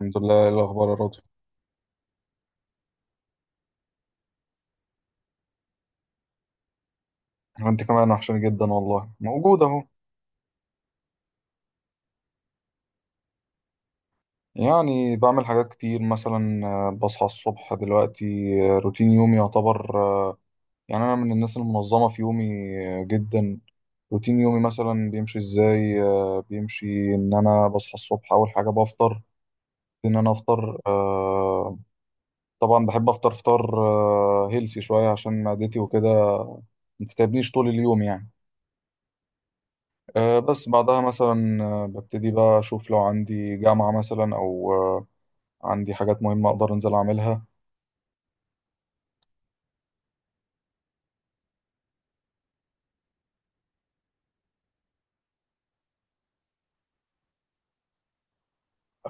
الحمد لله. إيه الأخبار يا راضي؟ أنت كمان وحشاني جدا والله، موجود أهو. يعني بعمل حاجات كتير مثلا، بصحى الصبح دلوقتي. روتين يومي يعتبر. يعني أنا من الناس المنظمة في يومي جدا. روتين يومي مثلا بيمشي إزاي؟ بيمشي إن أنا بصحى الصبح. أول حاجة بفطر، إن أنا أفطر. طبعا بحب أفطر فطار هيلسي شوية عشان معدتي وكده، متتعبنيش طول اليوم يعني. بس بعدها مثلا ببتدي بقى أشوف لو عندي جامعة مثلا، أو عندي حاجات مهمة أقدر أنزل أعملها.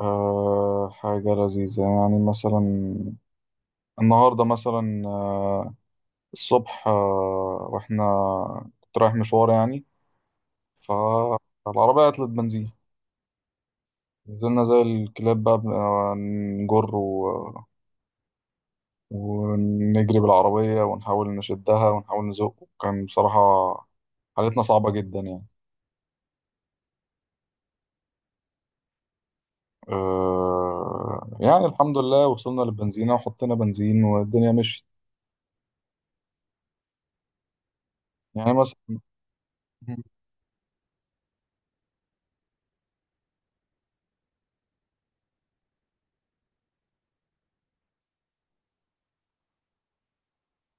حاجة لذيذة يعني، مثلا النهاردة مثلا الصبح وإحنا كنت رايح مشوار يعني، فالعربية عطلت بنزين. نزلنا زي الكلاب بقى نجر ونجري بالعربية ونحاول نشدها ونحاول نزق، وكان بصراحة حالتنا صعبة جدا يعني. آه، يعني الحمد لله وصلنا للبنزينة وحطينا بنزين والدنيا مشيت. يعني مثلا،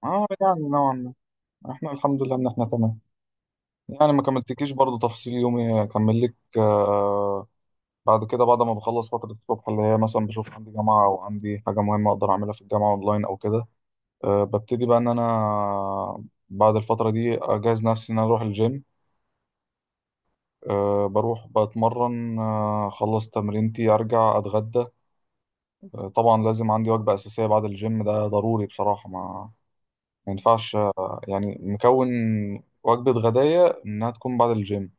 اه يعني نوعا ما احنا الحمد لله ان احنا تمام. يعني ما كملتكيش برضو تفاصيل يومي، اكمل لك. بعد كده، بعد ما بخلص فترة الصبح اللي هي مثلا بشوف عندي جامعة او عندي حاجة مهمة اقدر اعملها في الجامعة اونلاين او كده، آه ببتدي بقى ان انا بعد الفترة دي اجهز نفسي ان انا اروح الجيم. آه، بروح بتمرن، آه خلص تمرينتي ارجع اتغدى. طبعا لازم عندي وجبة أساسية بعد الجيم، ده ضروري بصراحة. ما ينفعش يعني مكون وجبة غداية إنها تكون بعد الجيم،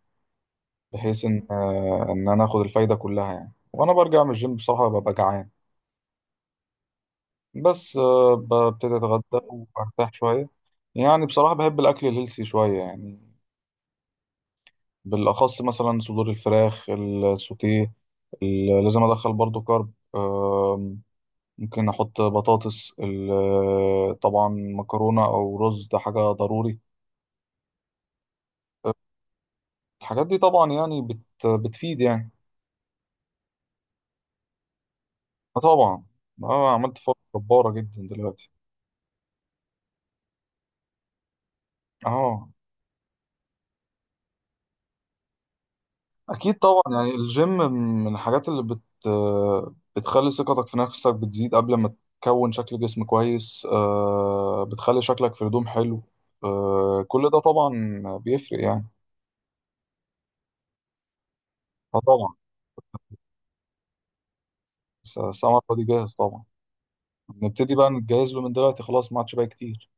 بحيث إن إن أنا آخد الفايدة كلها يعني. وأنا برجع من الجيم بصراحة ببقى جعان، بس ببتدي أتغدى وأرتاح شوية. يعني بصراحة بحب الأكل الهيلثي شوية يعني، بالأخص مثلا صدور الفراخ السوتيه. لازم أدخل برضو كارب. ممكن احط بطاطس، طبعا مكرونه او رز، ده حاجه ضروري. الحاجات دي طبعا يعني بتفيد يعني. آه، طبعا. اه عملت فرق جباره جدا دلوقتي. اه، اكيد طبعا، يعني الجيم من الحاجات اللي بتخلي ثقتك في نفسك بتزيد. قبل ما تكون شكل جسم كويس، آه بتخلي شكلك في هدوم حلو، آه كل ده طبعا بيفرق يعني. اه، طبعا. سمر فادي جاهز طبعا. نبتدي بقى نتجهز له من دلوقتي، خلاص ما عادش بقى كتير.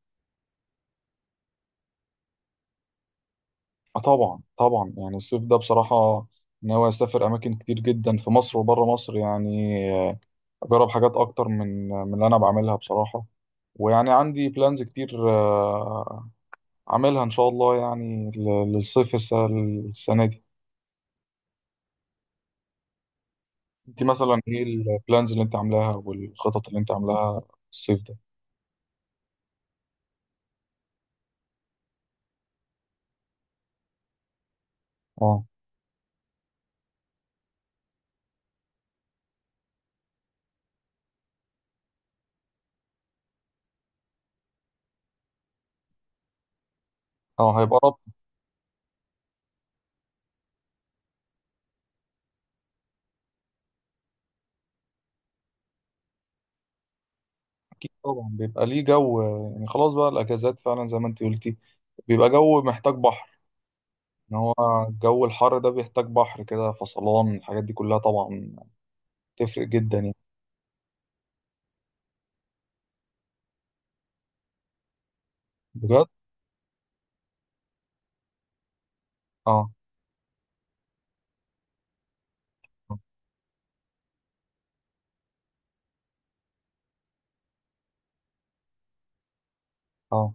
آه، طبعا طبعا. يعني الصيف ده بصراحة، ناوي أسافر أماكن كتير جدا في مصر وبره مصر يعني، أجرب حاجات أكتر من اللي أنا بعملها بصراحة. ويعني عندي بلانز كتير أعملها إن شاء الله يعني للصيف السنة دي. أنت مثلا إيه البلانز اللي أنت عاملاها والخطط اللي أنت عاملاها الصيف ده؟ أه. أه، هيبقى ربط. أكيد طبعا بيبقى ليه جو يعني خلاص بقى الأجازات فعلا زي ما أنت قلتي، بيبقى جو محتاج بحر. ان هو جو الحر ده بيحتاج بحر كده، فصلان الحاجات دي كلها طبعا تفرق جدا يعني. بجد. اه. اه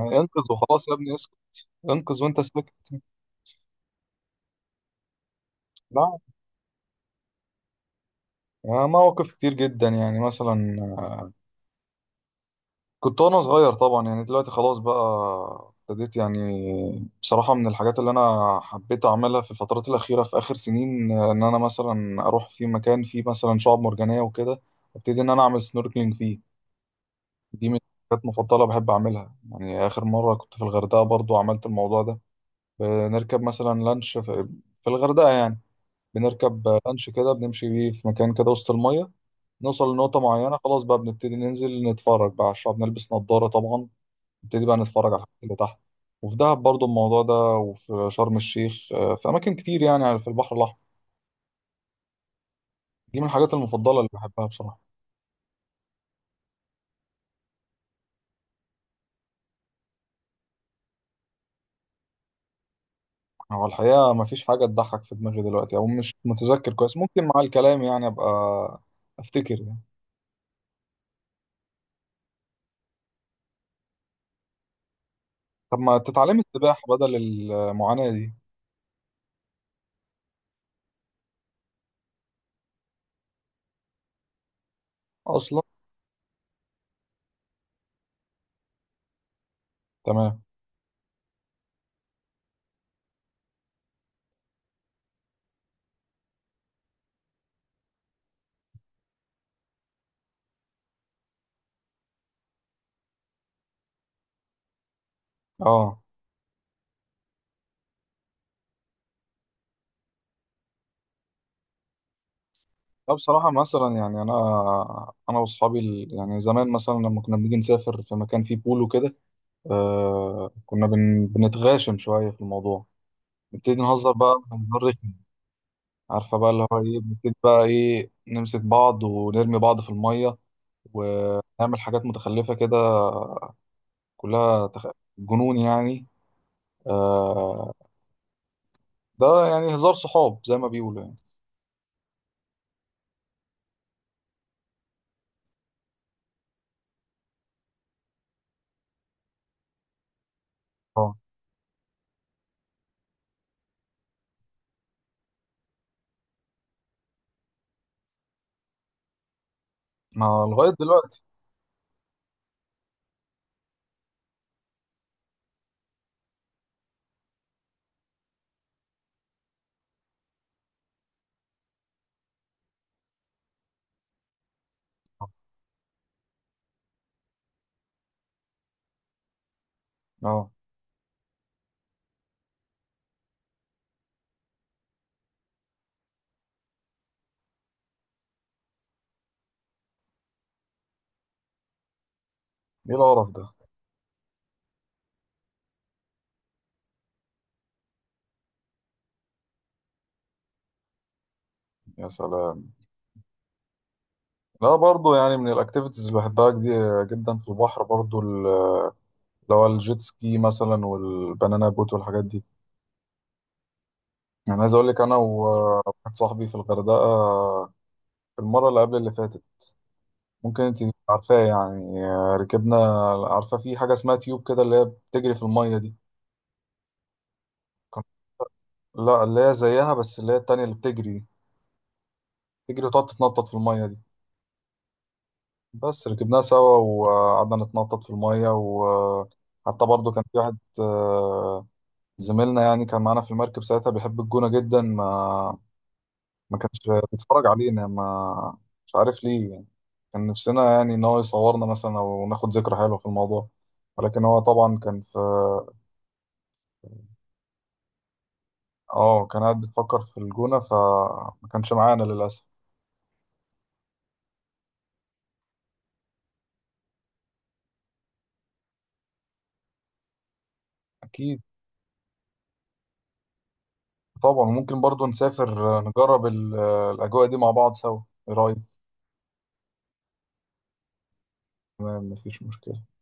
يعني انقذ وخلاص يا ابني اسكت، انقذ وانت ساكت. لا، مواقف كتير جدا يعني. مثلا كنت وانا صغير طبعا، يعني دلوقتي خلاص بقى ابتديت، يعني بصراحة من الحاجات اللي انا حبيت اعملها في الفترات الاخيرة في اخر سنين، ان انا مثلا اروح في مكان فيه مثلا شعاب مرجانية وكده، ابتدي ان انا اعمل سنوركلينج فيه. دي من الحاجات المفضلة بحب أعملها يعني. آخر مرة كنت في الغردقة برضو عملت الموضوع ده. بنركب مثلا لانش في الغردقة يعني. بنركب لانش كده بنمشي بيه في مكان كده وسط المية، نوصل لنقطة معينة، خلاص بقى بنبتدي ننزل نتفرج بقى على الشعب، نلبس نضارة طبعا، نبتدي بقى نتفرج على الحاجات اللي تحت. وفي دهب برضو الموضوع ده، وفي شرم الشيخ، في أماكن كتير يعني في البحر الأحمر. دي من الحاجات المفضلة اللي بحبها بصراحة. هو الحقيقة مفيش حاجة تضحك في دماغي دلوقتي، أو مش متذكر كويس. ممكن مع الكلام يعني أبقى أفتكر يعني. طب ما تتعلمي السباحة بدل المعاناة دي أصلا؟ تمام. أه. لا بصراحة، مثلا يعني أنا وأصحابي يعني زمان مثلا لما كنا بنيجي نسافر في مكان فيه بول وكده، آه كنا بنتغاشم شوية في الموضوع، نبتدي نهزر بقى هزار رخم. عارفة بقى اللي هو إيه؟ بنبتدي بقى إيه، نمسك بعض ونرمي بعض في المية، ونعمل حاجات متخلفة كده كلها جنون يعني. آه، ده يعني هزار صحاب زي ما بيقولوا يعني. اه. ما لغاية دلوقتي. اه. ايه القرف ده. يا سلام. لا برضو يعني من الاكتيفيتيز اللي بحبها جدا في البحر، برضو اللي هو الجيت سكي مثلا والبنانا بوت والحاجات دي. يعني عايز اقول لك، انا وواحد صاحبي في الغردقة في المرة اللي قبل اللي فاتت، ممكن انت تبقي عارفاه يعني، ركبنا. عارفة في حاجة اسمها تيوب كده، اللي هي بتجري في المية دي؟ لا اللي هي زيها، بس اللي هي التانية اللي بتجري، بتجري وتقعد تتنطط في المية دي. بس ركبناها سوا وقعدنا نتنطط في المية. وحتى برضو كان في واحد زميلنا يعني، كان معانا في المركب ساعتها، بيحب الجونة جدا. ما كانش بيتفرج علينا، ما مش عارف ليه يعني. كان نفسنا يعني إن هو يصورنا مثلا أو ناخد ذكرى حلوة في الموضوع، ولكن هو طبعا كان في. اه، كان قاعد بيفكر في الجونة، فما كانش معانا للأسف. أكيد. طبعا ممكن برضو نسافر، نجرب الأجواء دي مع بعض سوا. إيه رأيك؟ تمام، مفيش مشكلة.